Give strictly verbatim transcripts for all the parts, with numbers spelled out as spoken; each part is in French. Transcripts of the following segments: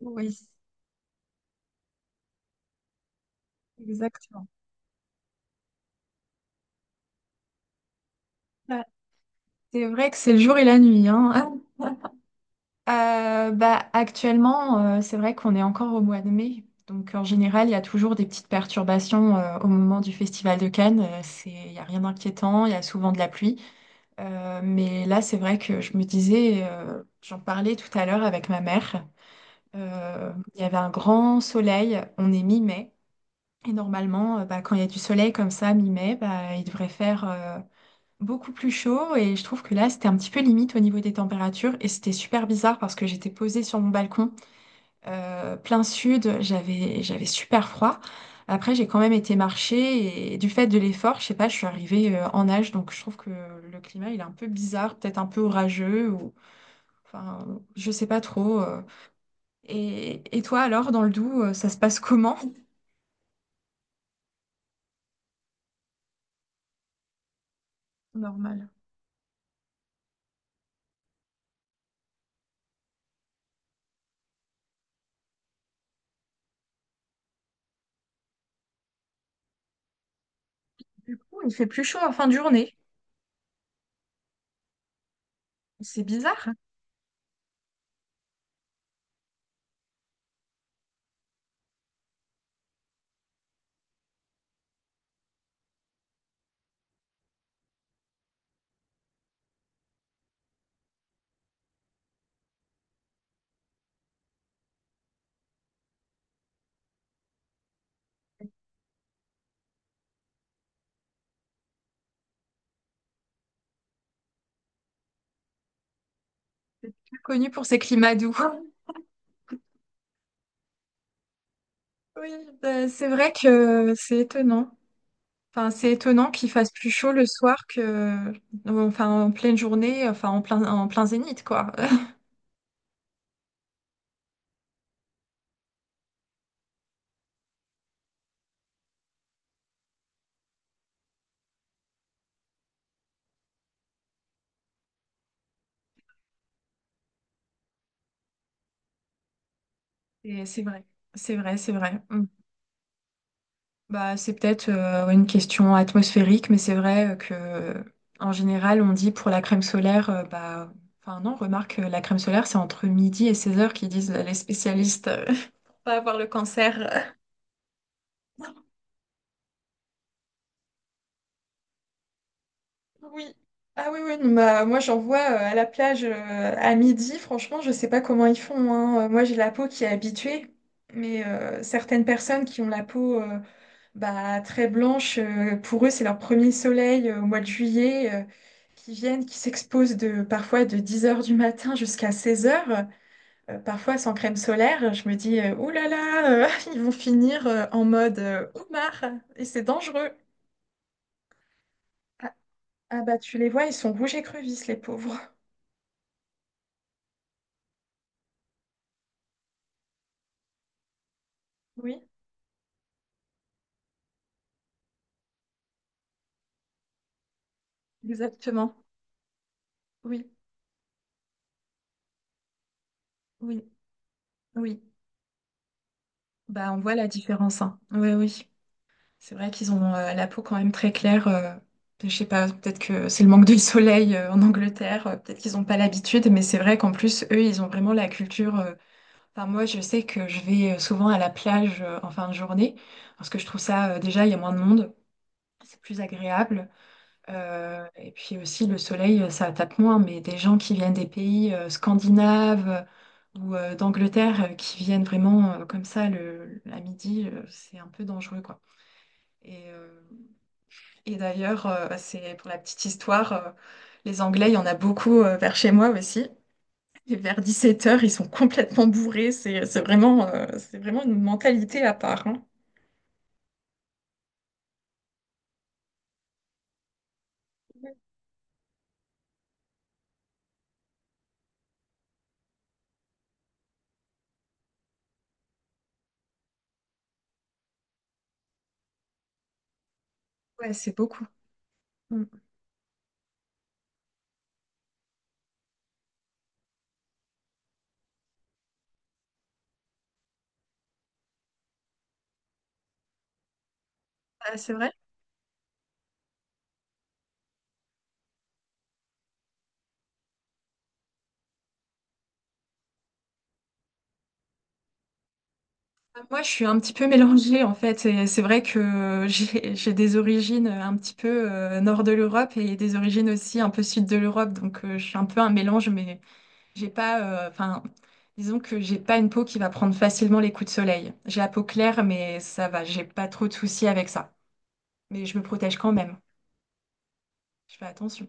Oui, exactement. Ouais. C'est vrai que c'est le jour et la nuit, hein. Ah, Euh, bah, actuellement, euh, c'est vrai qu'on est encore au mois de mai. Donc, en général, il y a toujours des petites perturbations euh, au moment du Festival de Cannes. Euh, c'est, il n'y a rien d'inquiétant, il y a souvent de la pluie. Euh, mais là, c'est vrai que je me disais, euh, j'en parlais tout à l'heure avec ma mère. Euh, il y avait un grand soleil, on est mi-mai. Et normalement, euh, bah, quand il y a du soleil comme ça, mi-mai, bah, il devrait faire euh, beaucoup plus chaud, et je trouve que là c'était un petit peu limite au niveau des températures, et c'était super bizarre parce que j'étais posée sur mon balcon euh, plein sud, j'avais j'avais super froid. Après j'ai quand même été marcher et du fait de l'effort, je sais pas, je suis arrivée euh, en nage, donc je trouve que le climat il est un peu bizarre, peut-être un peu orageux, ou enfin, je sais pas trop. euh. Et, et toi alors dans le Doubs, euh, ça se passe comment? Normal. Du coup, il fait plus chaud en fin de journée. C'est bizarre. C'est plus connu pour ces climats doux. Oui, bah, c'est vrai que c'est étonnant. Enfin, c'est étonnant qu'il fasse plus chaud le soir que, enfin, en pleine journée, enfin, en plein, en plein zénith, quoi. Et c'est vrai, c'est vrai, c'est vrai. Mm. Bah, c'est peut-être euh, une question atmosphérique, mais c'est vrai euh, que, en général, on dit pour la crème solaire, euh, bah, enfin, non, remarque, euh, la crème solaire, c'est entre midi et seize heures qu'ils disent euh, les spécialistes, euh, pas avoir le cancer. Oui. Ah oui, oui, non, bah, moi j'en vois euh, à la plage euh, à midi, franchement, je sais pas comment ils font, hein. Euh, Moi j'ai la peau qui est habituée, mais euh, certaines personnes qui ont la peau euh, bah, très blanche, euh, pour eux c'est leur premier soleil euh, au mois de juillet, euh, qui viennent, qui s'exposent de, parfois de dix heures du matin jusqu'à seize heures, parfois sans crème solaire. Je me dis, euh, ouh là là, euh, ils vont finir euh, en mode euh, homard, et c'est dangereux. Ah, ah, bah tu les vois, ils sont rouges et crevisses, les pauvres. Oui, exactement. Oui, oui, oui. Bah, on voit la différence, hein. Oui, oui. C'est vrai qu'ils ont euh, la peau quand même très claire. Euh, je sais pas, peut-être que c'est le manque de soleil euh, en Angleterre. Euh, peut-être qu'ils n'ont pas l'habitude, mais c'est vrai qu'en plus, eux, ils ont vraiment la culture. euh, Enfin, moi, je sais que je vais euh, souvent à la plage euh, en fin de journée, parce que je trouve ça, euh, déjà, il y a moins de monde. C'est plus agréable. Euh, et puis aussi, le soleil, euh, ça tape moins, mais des gens qui viennent des pays euh, scandinaves euh, ou euh, d'Angleterre euh, qui viennent vraiment euh, comme ça, le, à midi, euh, c'est un peu dangereux, quoi. Et, euh, et d'ailleurs, euh, c'est pour la petite histoire, euh, les Anglais, il y en a beaucoup euh, vers chez moi aussi. Et vers dix-sept heures, ils sont complètement bourrés. C'est c'est vraiment, euh, c'est vraiment une mentalité à part, hein. Ouais, c'est beaucoup. Mm. Ah, c'est vrai? Moi, je suis un petit peu mélangée en fait. Et c'est vrai que j'ai j'ai des origines un petit peu euh, nord de l'Europe et des origines aussi un peu sud de l'Europe. Donc, euh, je suis un peu un mélange, mais j'ai pas, euh, enfin, disons que j'ai pas une peau qui va prendre facilement les coups de soleil. J'ai la peau claire, mais ça va. J'ai pas trop de soucis avec ça. Mais je me protège quand même. Je fais attention.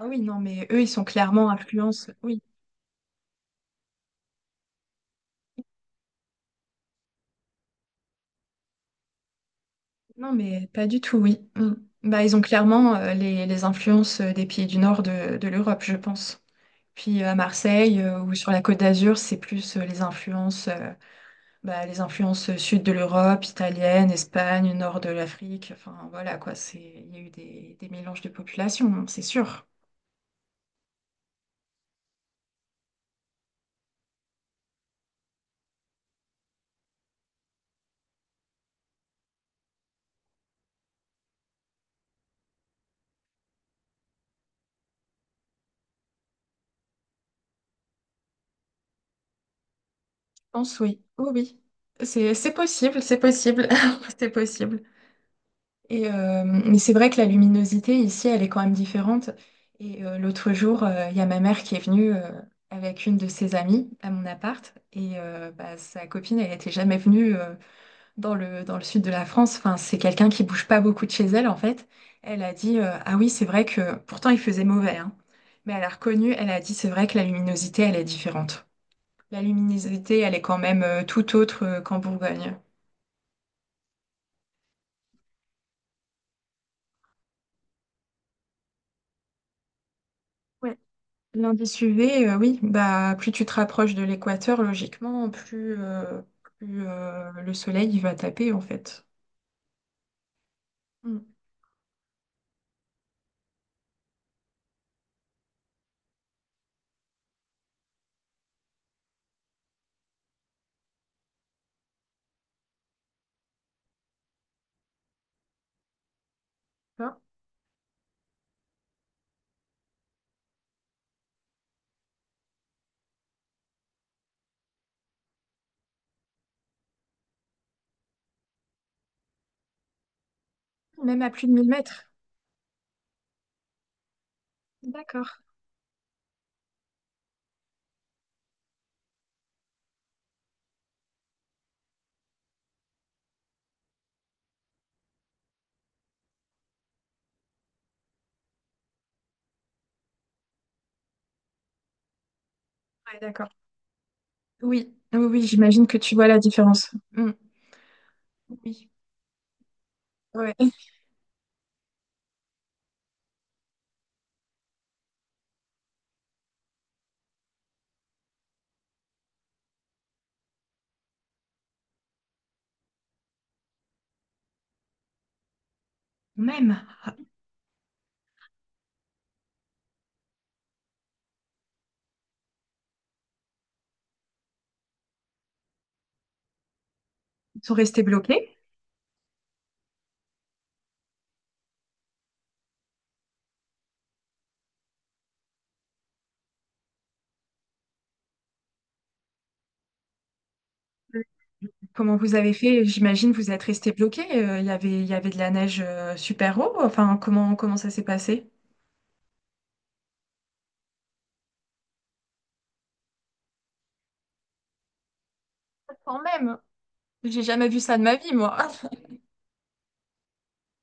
Ah oui, non, mais eux, ils sont clairement influence. Oui, non, mais pas du tout. Oui. Mm. Bah, ils ont clairement euh, les, les influences euh, des pays du nord de de l'Europe, je pense. Puis euh, à Marseille euh, ou sur la Côte d'Azur, c'est plus euh, les influences, euh, bah, les influences euh, sud de l'Europe, italienne, Espagne, nord de l'Afrique. Enfin voilà quoi, c'est il y a eu des, des mélanges de populations, hein, c'est sûr. Je pense oui, oui, oui. C'est c'est possible, c'est possible, c'est possible. Et, euh, mais c'est vrai que la luminosité ici, elle est quand même différente. Et euh, l'autre jour, euh, il y a ma mère qui est venue, euh, avec une de ses amies à mon appart, et euh, bah, sa copine elle n'était jamais venue euh, dans le, dans le sud de la France. Enfin, c'est quelqu'un qui bouge pas beaucoup de chez elle, en fait. Elle a dit, euh, ah oui, c'est vrai que pourtant il faisait mauvais, hein. Mais elle a reconnu, elle a dit, c'est vrai que la luminosité, elle est différente. La luminosité, elle est quand même euh, tout autre euh, qu'en Bourgogne. Ouais. L'indice U V, euh, oui, bah plus tu te rapproches de l'équateur, logiquement, plus, euh, plus euh, le soleil il va taper, en fait. Mm. Hein. Même à plus de mille mètres. D'accord. Ouais, d'accord. Oui, oui, oui, j'imagine que tu vois la différence. Mm. Oui. Ouais. Même, ils sont restés bloqués. Comment vous avez fait? J'imagine vous êtes restés bloqués. euh, Il y avait, il y avait de la neige euh, super haut. Enfin, comment, comment ça s'est passé? Quand même, j'ai jamais vu ça de ma vie, moi.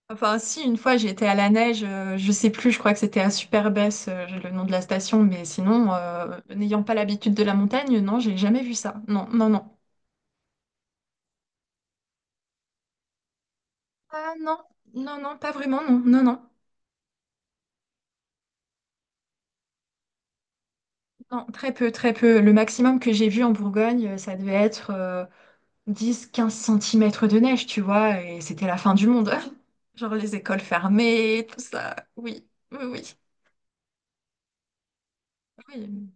Enfin, si, une fois, j'étais à la neige, euh, je sais plus, je crois que c'était à Superbès, euh, j'ai le nom de la station, mais sinon, euh, n'ayant pas l'habitude de la montagne, non, j'ai jamais vu ça. Non, non, non. Ah non, non, non, pas vraiment, non, non, non. Non, très peu, très peu. Le maximum que j'ai vu en Bourgogne, euh, ça devait être euh, dix quinze centimètres de neige, tu vois, et c'était la fin du monde. Genre les écoles fermées, tout ça. Oui, oui, oui. Oui,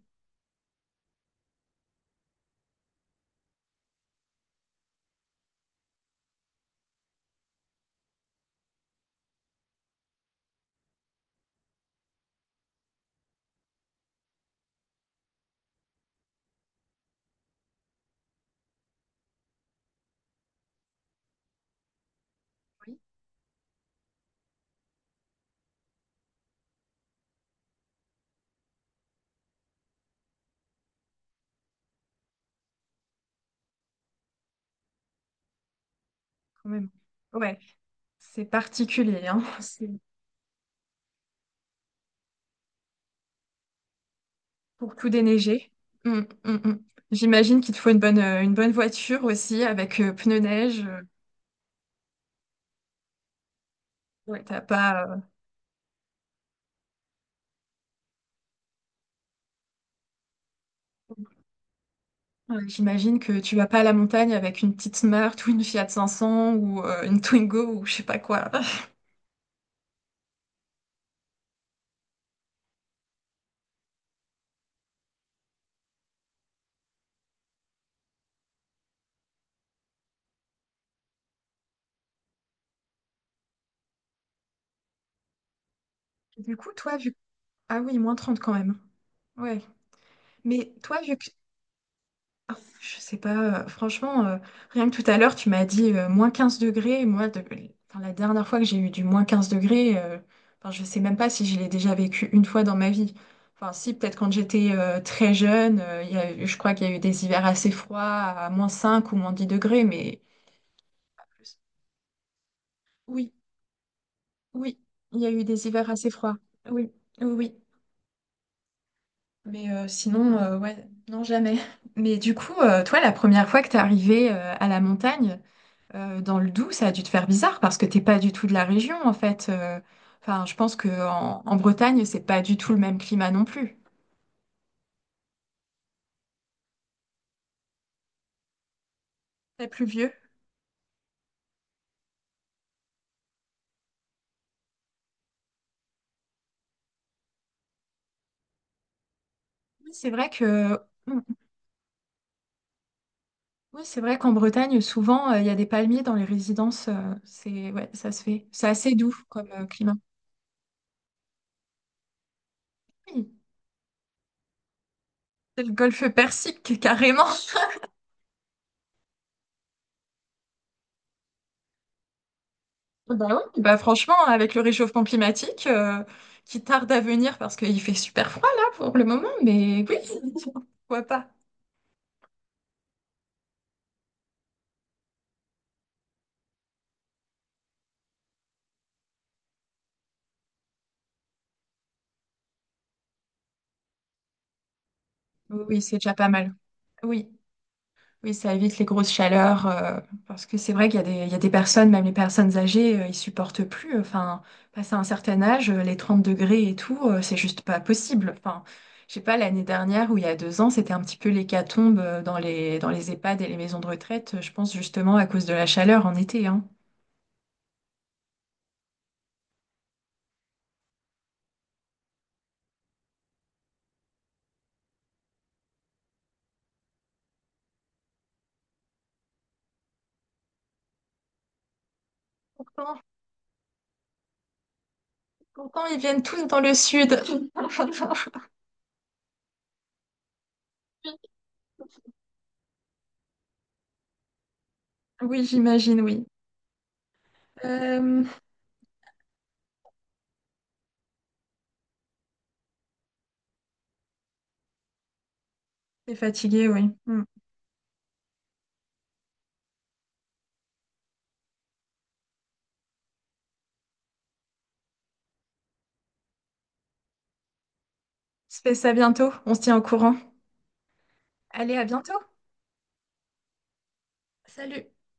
oui, quand même. Ouais, c'est particulier, hein. C'est pour tout déneiger. Mm, mm, mm. J'imagine qu'il te faut une bonne, euh, une bonne voiture aussi, avec euh, pneus neige. euh, Ouais, t'as pas. Euh, ouais, j'imagine que tu vas pas à la montagne avec une petite Smart ou une Fiat cinq cents ou euh, une Twingo ou je sais pas quoi. Du coup, toi, vu. Ah oui, moins trente quand même. Ouais. Mais toi, vu que. Ah, je sais pas, euh, franchement, euh, rien que tout à l'heure, tu m'as dit euh, moins quinze degrés. Moi, de- enfin, la dernière fois que j'ai eu du moins quinze degrés, euh, enfin, je sais même pas si je l'ai déjà vécu une fois dans ma vie. Enfin, si, peut-être quand j'étais euh, très jeune, euh, il y a eu- je crois qu'il y a eu des hivers assez froids, à moins cinq ou moins dix degrés, mais. Oui, oui, il y a eu des hivers assez froids. Oui, oui, oui. Mais euh, sinon, euh, ouais, non, jamais. Mais du coup, euh, toi, la première fois que t'es arrivé à la montagne, Euh, dans le Doubs, ça a dû te faire bizarre parce que t'es pas du tout de la région en fait. Euh, Enfin, je pense que en, en Bretagne, c'est pas du tout le même climat non plus. C'est pluvieux. Oui, c'est vrai que mm, oui, c'est vrai qu'en Bretagne, souvent, euh, il y a des palmiers dans les résidences. Euh, c'est ouais, ça se fait. C'est assez doux comme euh, climat. Oui, c'est le golfe Persique carrément. Bah oui, bah franchement, avec le réchauffement climatique euh, qui tarde à venir parce qu'il fait super froid là pour le moment, mais oui, pourquoi pas. Oui, c'est déjà pas mal. Oui. Oui, ça évite les grosses chaleurs, euh, parce que c'est vrai qu'il y a des, il y a des, personnes, même les personnes âgées, euh, ils supportent plus. Enfin, passé un certain âge, euh, les trente degrés et tout, euh, c'est juste pas possible. Enfin, je sais pas, l'année dernière ou il y a deux ans, c'était un petit peu l'hécatombe euh, dans les, dans les EHPAD et les maisons de retraite, euh, je pense justement à cause de la chaleur en été, hein. Pourtant, pourtant, ils viennent tous dans le sud. Oui, j'imagine, oui. Euh, t'es fatigué, oui. Hmm. On se fait ça bientôt, on se tient au courant. Allez, à bientôt. Salut.